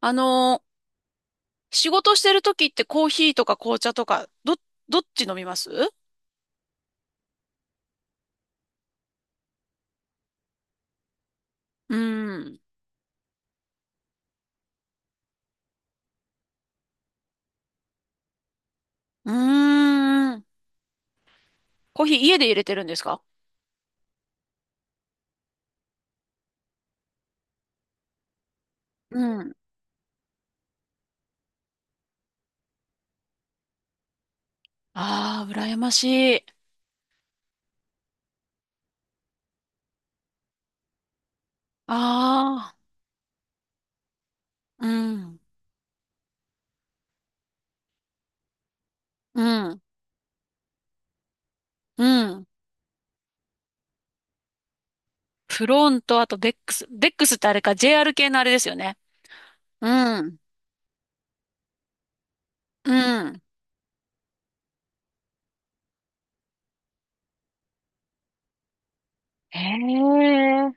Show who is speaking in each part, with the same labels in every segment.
Speaker 1: あのー仕事してる時ってコーヒーとか紅茶とか、どっち飲みます？うーん。うーん。コーヒー家で入れてるんですか？うん。ああ、羨ましい。ああ、うん。うん。うん。フロント、あとベックス。ベックスってあれか、JR 系のあれですよね。うん。うん。へえ。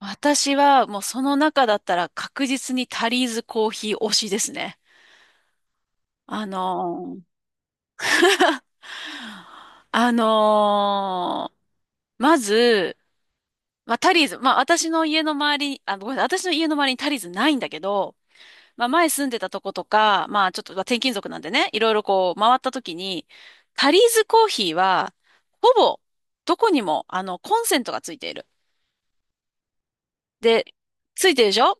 Speaker 1: 私はもうその中だったら確実にタリーズコーヒー推しですね。あのあのーまず、まあ、タリーズ、まあ、私の家の周りに、あ、ごめんなさい、私の家の周りにタリーズないんだけど、まあ、前住んでたとことか、まあ、ちょっと、まあ、転勤族なんでね、いろいろこう、回った時に、タリーズコーヒーは、ほぼ、どこにも、コンセントがついている。で、ついてるでしょ？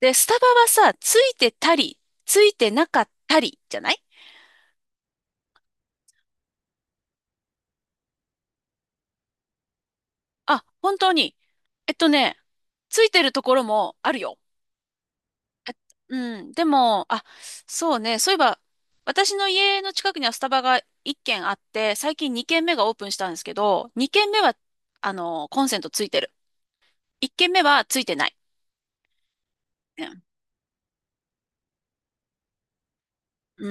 Speaker 1: で、スタバはさ、ついてたり、ついてなかったり、じゃない？あ、本当に。えっとね、ついてるところもあるよ。あ、うん。でも、あ、そうね。そういえば、私の家の近くにはスタバが1軒あって、最近2軒目がオープンしたんですけど、2軒目は、コンセントついてる。1軒目はついてない。うん。う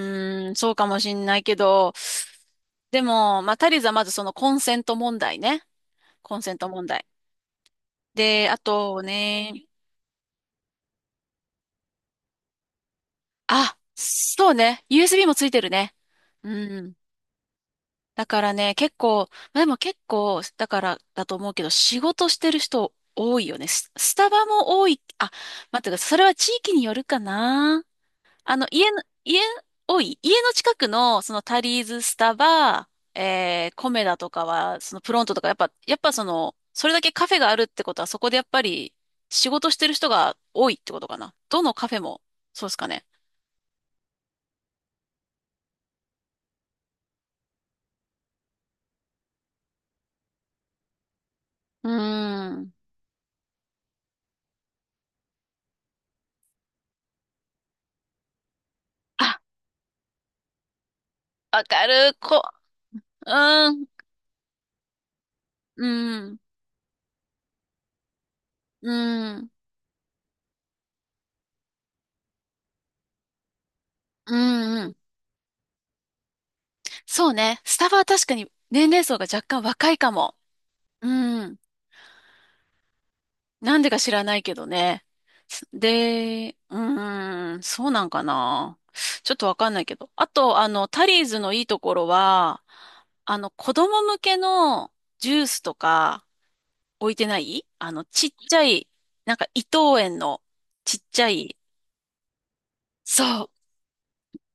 Speaker 1: ーん、そうかもしんないけど、でも、まあ、足りずはまずそのコンセント問題ね。コンセント問題。で、あとね、あ、そうね。USB もついてるね。うん。だからね、結構、まあでも結構、だからだと思うけど、仕事してる人多いよね。スタバも多い。あ、待ってください。それは地域によるかな。家、多い。家の近くの、そのタリーズ、スタバ、コメダとかは、そのプロントとか、やっぱその、それだけカフェがあるってことは、そこでやっぱり仕事してる人が多いってことかな。どのカフェも、そうですかね。うーん。あ、わかる。うーん、うーん。うん、うん、うん。そうね。スタバは確かに年齢層が若干若いかも。うん。なんでか知らないけどね。で、うん、そうなんかな。ちょっとわかんないけど。あと、タリーズのいいところは、子供向けのジュースとか置いてない？ちっちゃい、なんか伊藤園のちっちゃい、そう、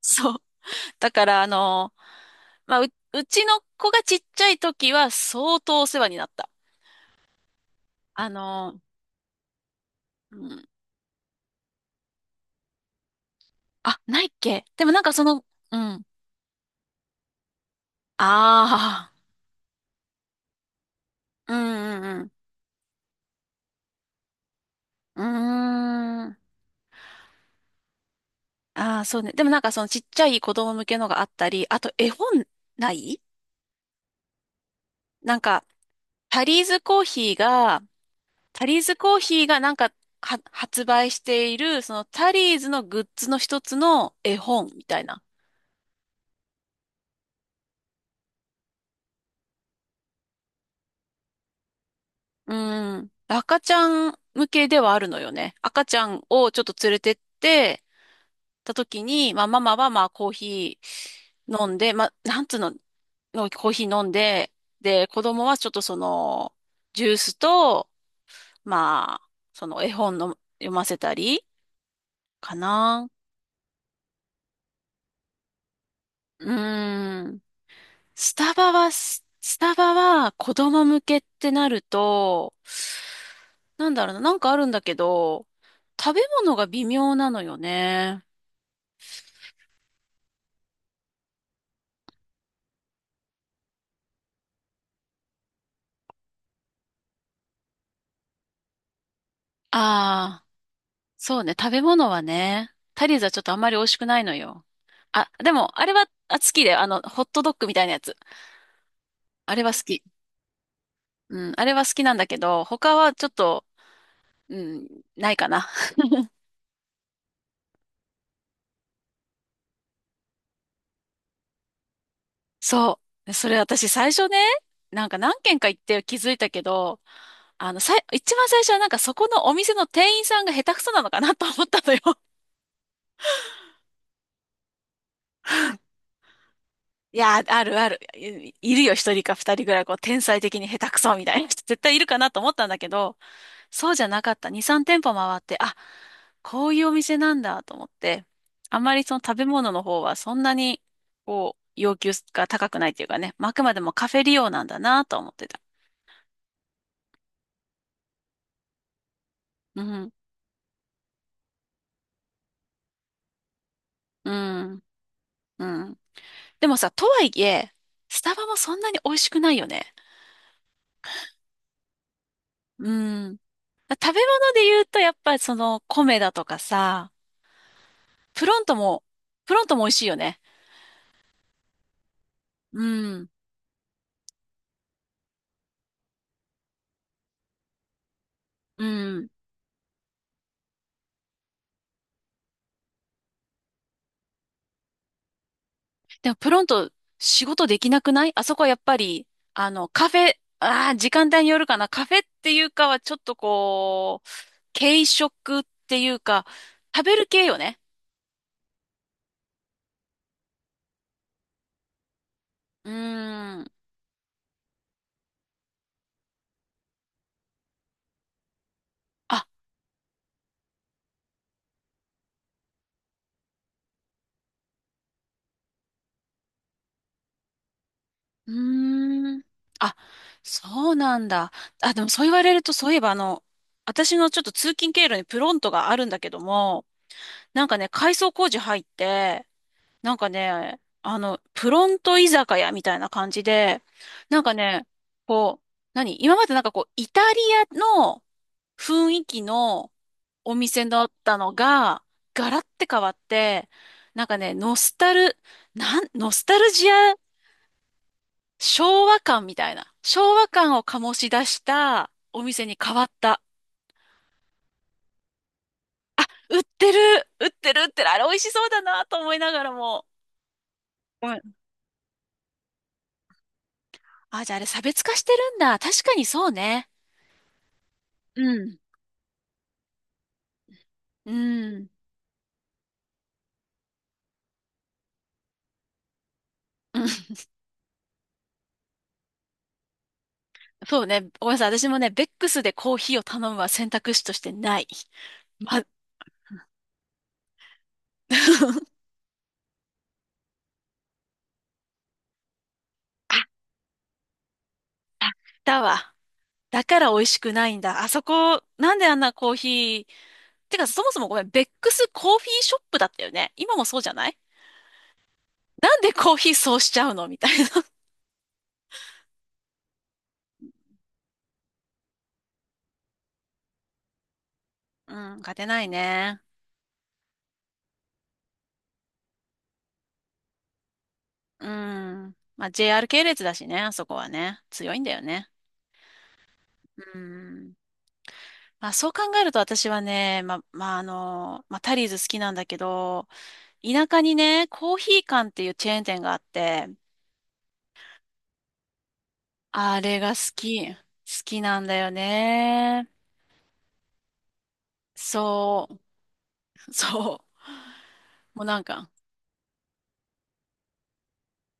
Speaker 1: そう。だから、まあ、うちの子がちっちゃい時は相当お世話になった。あの、うん。あ、ないっけ？でもなんかその、うん。ああ、うんうんうん。うーん。ああ、そうね。でもなんかそのちっちゃい子供向けのがあったり、あと絵本ない？なんか、タリーズコーヒーが、タリーズコーヒーがなんか、発売している、そのタリーズのグッズの一つの絵本みたいな。うん。赤ちゃん向けではあるのよね。赤ちゃんをちょっと連れてってた時に、まあママはまあコーヒー飲んで、まあなんつうの、コーヒー飲んで、で、子供はちょっとその、ジュースと、まあ、その絵本の読ませたりかな。うーん。スタバは、スタバは子供向けってなると、なんだろうな、なんかあるんだけど、食べ物が微妙なのよね。ああ、そうね、食べ物はね、タリーズはちょっとあんまり美味しくないのよ。あ、でも、あれは、あ、好きで、ホットドッグみたいなやつ。あれは好き。うん、あれは好きなんだけど、他はちょっと、うん、ないかな。そう。それ私最初ね、なんか何軒か行って気づいたけど、一番最初はなんかそこのお店の店員さんが下手くそなのかなと思ったのよ。いや、あるある。いるよ、一人か二人ぐらい、こう、天才的に下手くそみたいな人、絶対いるかなと思ったんだけど、そうじゃなかった。二、三店舗回って、あ、こういうお店なんだと思って、あんまりその食べ物の方はそんなに、こう、要求が高くないっていうかね、まああくまでもカフェ利用なんだなと思ってた。うん、うん、うん。でもさ、とはいえ、スタバもそんなに美味しくないよね。うん。食べ物で言うと、やっぱりその、米だとかさ、プロントも、プロントも美味しいよね。うん。うん。でもプロント仕事できなくない？あそこはやっぱり、カフェ、ああ、時間帯によるかな。カフェっていうかはちょっとこう、軽食っていうか、食べる系よね。うーん。あ、うーん。あ、そうなんだ。あ、でもそう言われると、そういえば私のちょっと通勤経路にプロントがあるんだけども、なんかね、改装工事入って、なんかね、プロント居酒屋みたいな感じで、なんかね、こう、何今までなんかこう、イタリアの雰囲気のお店だったのが、ガラッて変わって、なんかね、ノスタル、ノスタルジア、昭和感みたいな、昭和感を醸し出したお店に変わった。売ってる、売ってる、売ってる、あれ美味しそうだなと思いながらも。うん。あ、じゃああれ差別化してるんだ。確かにそうね。うん。うん。うん、そうね。ごめんなさい。私もね、ベックスでコーヒーを頼むは選択肢としてない。ま、あ、あ、だわ。だから美味しくないんだ。あそこ、なんであんなコーヒー？てか、そもそもごめん、ベックスコーヒーショップだったよね。今もそうじゃない？なんでコーヒーそうしちゃうのみたいな。うん、勝てないね。うん。まあ、JR 系列だしね、あそこはね。強いんだよね。うん。まあ、そう考えると私はね、まあ、タリーズ好きなんだけど、田舎にね、コーヒー館っていうチェーン店があって、あれが好き。好きなんだよね。そう、そう。もうなんか、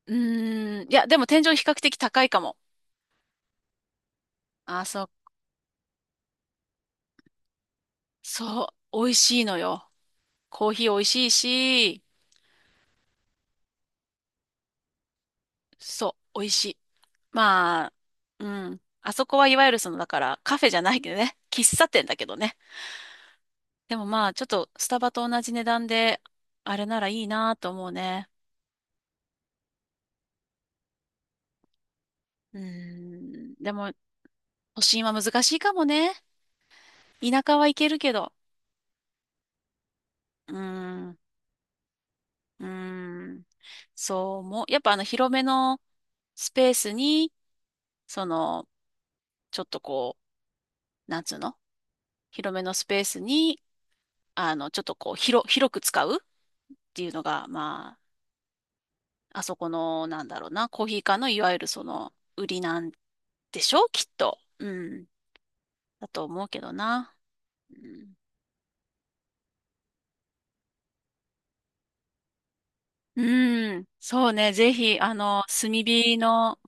Speaker 1: うーん、いや、でも天井比較的高いかも。あ、そう、そう、美味しいのよ。コーヒー美味しいし、そう、美味しい。まあ、うん。あそこはいわゆるその、だから、カフェじゃないけどね、喫茶店だけどね。でもまあ、ちょっとスタバと同じ値段で、あれならいいなと思うね。うーん。でも、都心は難しいかもね。田舎は行けるけど。うーん。うーん。そう思う。やっぱ広めのスペースに、その、ちょっとこう、なんつうの広めのスペースに、ちょっとこう、広く使うっていうのが、まあ、あそこの、なんだろうな、コーヒー館のいわゆるその、売りなんでしょきっと。うん。だと思うけどな。うん、うん、そうね、ぜひ、炭火の、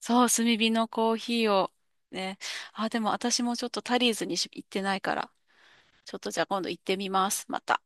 Speaker 1: そう、炭火のコーヒーを、ね。あ、でも私もちょっとタリーズにし行ってないから、ちょっとじゃあ今度行ってみます、また。